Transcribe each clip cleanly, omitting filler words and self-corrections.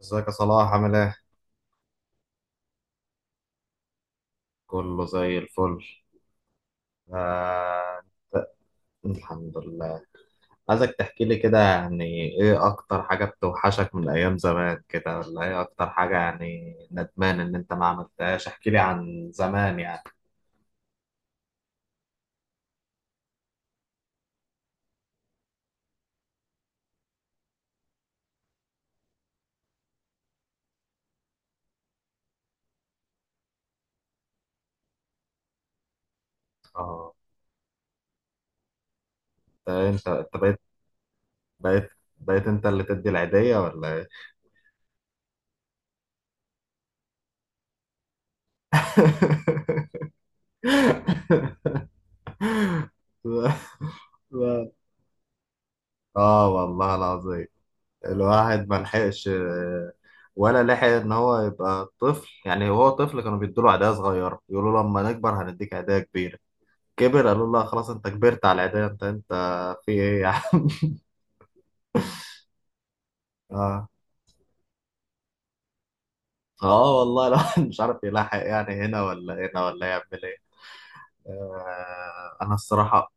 ازيك يا صلاح عامل ايه؟ كله زي الفل. آه... الحمد لله. عايزك تحكي لي كده، يعني ايه اكتر حاجة بتوحشك من ايام زمان كده، ولا ايه اكتر حاجة يعني ندمان ان انت ما عملتهاش؟ احكي لي عن زمان يعني. اه، انت بقيت بقيت انت اللي تدي العيدية ولا ايه؟ لا، لا. اه والله العظيم، الواحد ما لحقش، ولا لحق ان هو يبقى طفل، يعني هو طفل كانوا بيدوا له عيدية صغيرة يقولوا له لما نكبر هنديك عيدية كبيرة، كبر قالوا له لا خلاص انت كبرت على العيدية، انت في ايه يعني. اه، اه، والله الواحد مش عارف يلاحق، يعني هنا ولا هنا ولا يعمل ايه. انا الصراحة،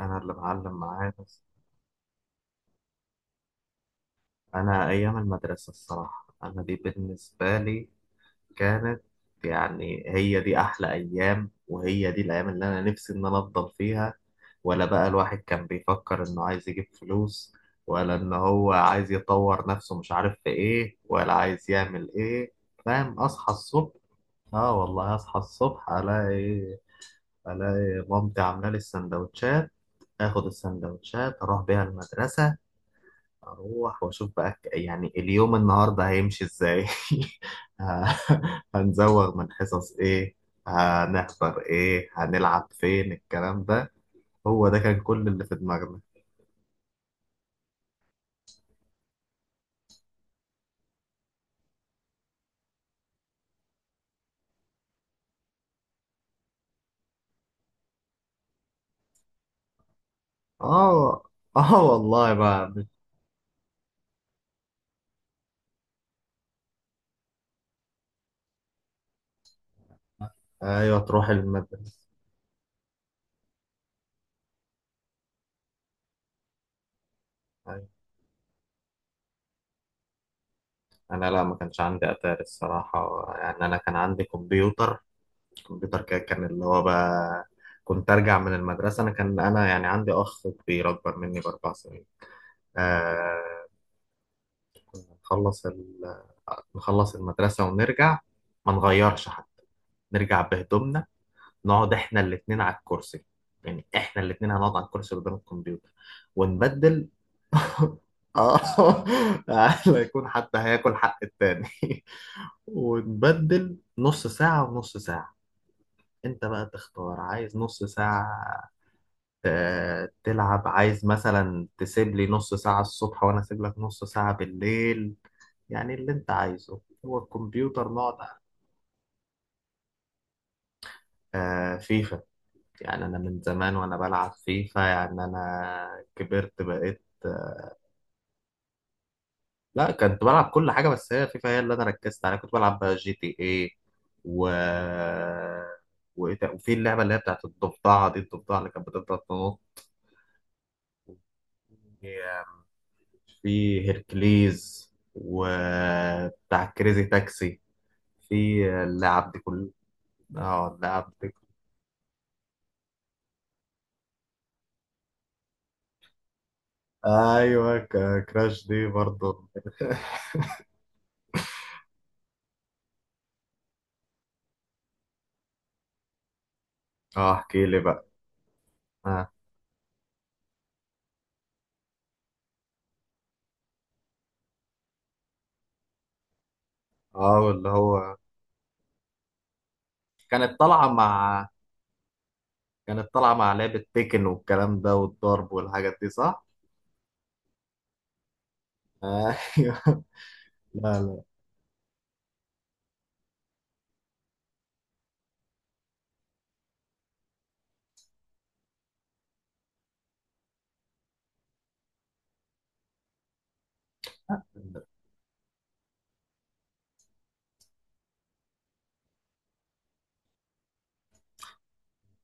انا اللي معلم معايا بس انا ايام المدرسة. الصراحة انا دي بالنسبة لي كانت، يعني هي دي احلى ايام، وهي دي الايام اللي انا نفسي ان انا افضل فيها، ولا بقى الواحد كان بيفكر إنه عايز يجيب فلوس، ولا إن هو عايز يطور نفسه، مش عارف في إيه، ولا عايز يعمل إيه. فاهم، أصحى الصبح، آه والله أصحى الصبح ألاقي، مامتي عاملة لي السندوتشات، آخد السندوتشات أروح بيها المدرسة، أروح وأشوف بقى يعني اليوم النهاردة هيمشي إزاي، ه- هنزوغ من حصص ايه، هنحضر ايه، هنلعب فين، الكلام ده هو ده كان كل اللي في دماغنا. اه، اه والله بقى. ايوه تروح المدرسه. أيوة. انا لا، ما كانش عندي اتاري الصراحه، يعني انا كان عندي كمبيوتر. الكمبيوتر كده كان اللي هو بقى كنت ارجع من المدرسه، انا كان انا يعني عندي اخ كبير اكبر مني ب4 سنين. آه، نخلص ال... نخلص المدرسه ونرجع، ما نغيرش حتى، نرجع بهدومنا، نقعد احنا الاتنين على الكرسي، يعني احنا الاتنين هنقعد على الكرسي قدام الكمبيوتر ونبدل. اه، لا يكون حد هياكل حق التاني. ونبدل نص ساعة ونص ساعة، انت بقى تختار عايز نص ساعة تلعب، عايز مثلا تسيب لي نص ساعة الصبح وانا اسيب لك نص ساعة بالليل، يعني اللي انت عايزه هو الكمبيوتر نقعد. آه، فيفا، يعني انا من زمان وانا بلعب فيفا، يعني انا كبرت بقيت. لا، كنت بلعب كل حاجة، بس هي فيفا هي اللي أنا ركزت عليها، كنت بلعب بقى جي تي إيه، و وإيه وفي اللعبة اللي هي بتاعت الضفدعة دي، الضفدعة اللي كانت بتفضل تنط، هي- في هيركليز وبتاع كريزي تاكسي، في اللعب دي كلها. اه، اللعب دي. ايوه، كراش دي برضو. اه احكي لي بقى. اه، اه، اللي هو كانت طالعة مع كانت طالعة مع لعبة تيكن، والكلام ده والضرب والحاجات دي، صح؟ ايوه. لا، لا، لا.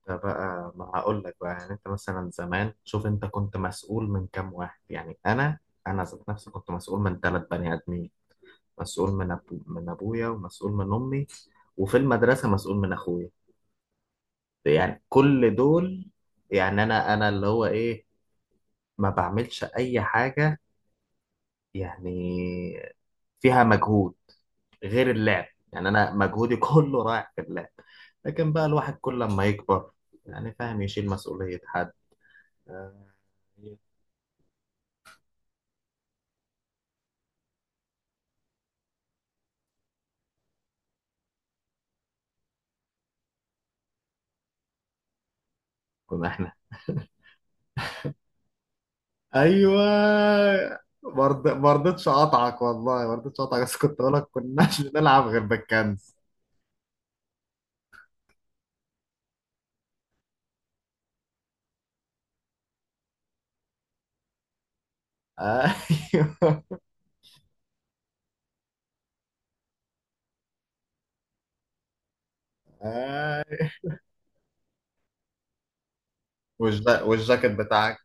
ده بقى ما هقول لك بقى، يعني انت مثلا زمان شوف، انت كنت مسؤول من كام واحد؟ يعني انا، انا ذات نفسي كنت مسؤول من 3 بني ادمين، مسؤول من أبو من ابويا، ومسؤول من امي، وفي المدرسه مسؤول من اخويا، يعني كل دول. يعني انا اللي هو ايه، ما بعملش اي حاجه يعني فيها مجهود غير اللعب، يعني انا مجهودي كله رايح في اللعب. لكن بقى الواحد كل لما يكبر يعني، فاهم، يشيل مسؤولية حد. آه. كنا احنا. ايوه مرض، ما رضيتش اقطعك، والله ما رضيتش اقطعك، بس كنت اقول لك كناش بنلعب غير بالكنز. ايوه. أيوة. والجاكيت بتاعك.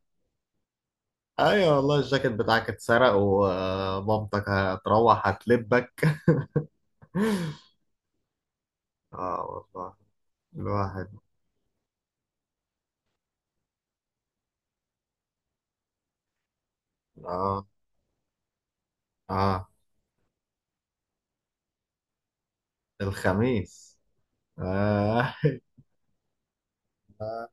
ايوه والله الجاكيت بتاعك اتسرق ومامتك هتروح هتلبك. اه والله الواحد. اه، اه. الخميس. آه. آه.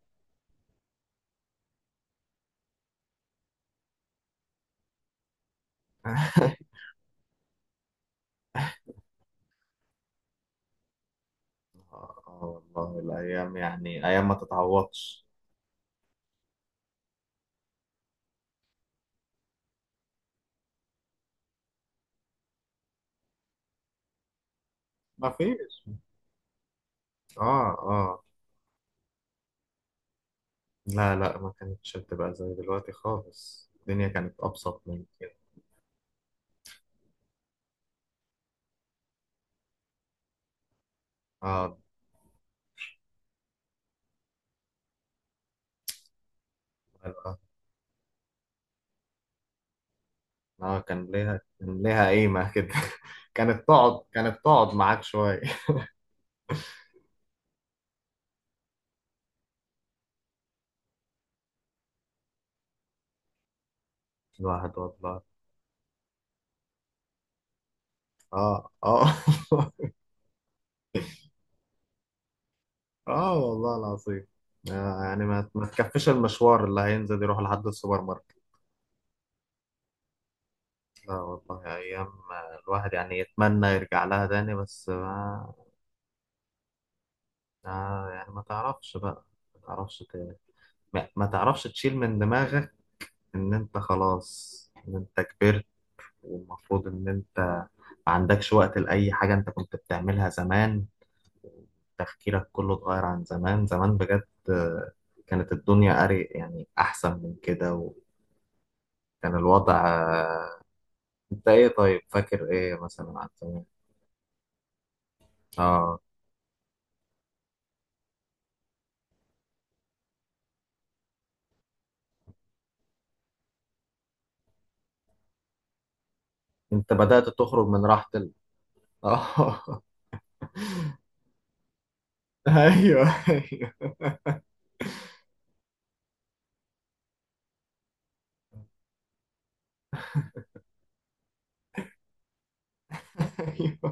آه والله الأيام يعني أيام ما تتعوضش. ما فيش. آه، آه. لا، لا، ما كانتش بتبقى زي دلوقتي خالص، الدنيا كانت أبسط من كده. آه، آه. آه، آه، كان ليها قيمة كده، كانت تقعد معاك شوية. الواحد والله. آه، آه. آه والله العظيم. آه، يعني ما، تكفيش المشوار اللي هينزل يروح لحد السوبر ماركت. لا والله أيام الواحد يعني يتمنى يرجع لها تاني، بس يعني ما تعرفش بقى، ما تعرفش ت... ما تعرفش تشيل من دماغك إن أنت خلاص، إن أنت كبرت، والمفروض إن أنت ما عندكش وقت لأي حاجة أنت كنت بتعملها زمان، تفكيرك كله اتغير عن زمان. زمان بجد، كانت الدنيا أري يعني أحسن من كده، وكان الوضع، أنت إيه؟ طيب فاكر إيه مثلا عن زمان؟ آه. أنت بدأت تخرج من راحة. اه. ايوه، ايوه. ايوه.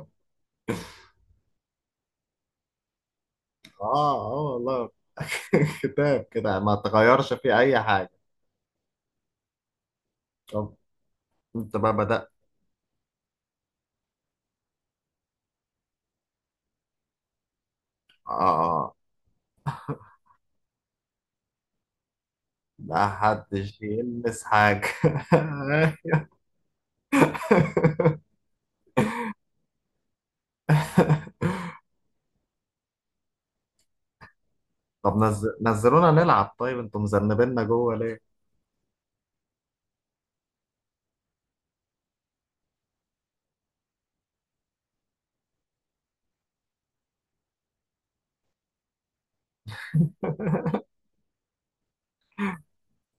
اه، اه والله. كتاب كده ما تغيرش فيه اي حاجه. طب انت بقى بدأت. اه. لا حدش يلمس حاجه. طب نزلونا نلعب، طيب انتوا مذنبيننا جوه ليه؟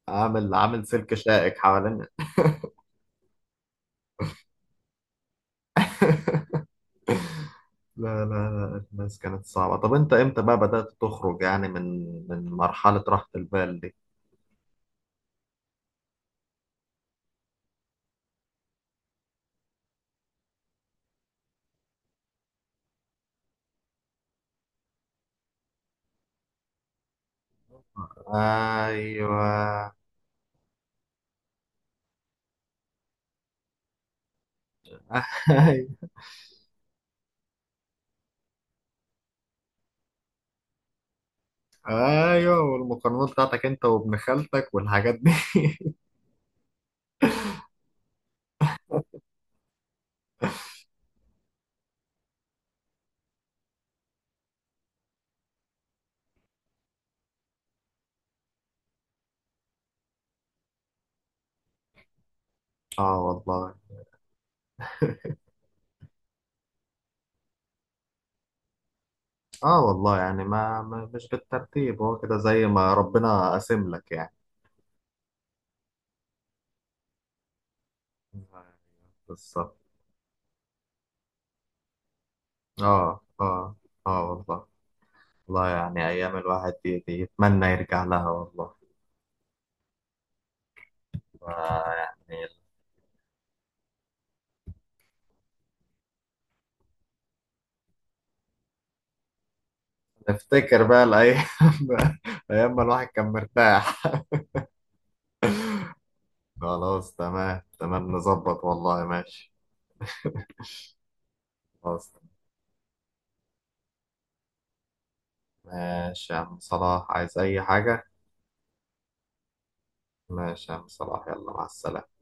عامل سلك شائك حوالينا. لا، لا، لا، الناس كانت صعبة. طب انت امتى بقى بدأت تخرج يعني من مرحلة راحة البال دي؟ ايوه. ايوه، والمقارنات بتاعتك انت وابن خالتك والحاجات دي. اه والله. اه والله، يعني ما, ما مش بالترتيب، هو كده زي ما ربنا قاسم لك يعني. أيوة، بالظبط. اه، اه. اه والله. والله يعني ايام الواحد دي، يتمنى يرجع لها والله. يعني نفتكر بقى الايام. ايام ما الواحد كان مرتاح. خلاص، تمام، تمام، نظبط والله ماشي. خلاص. ماشي يا عم صلاح، عايز اي حاجة؟ ماشي يا عم صلاح، يلا مع السلامة.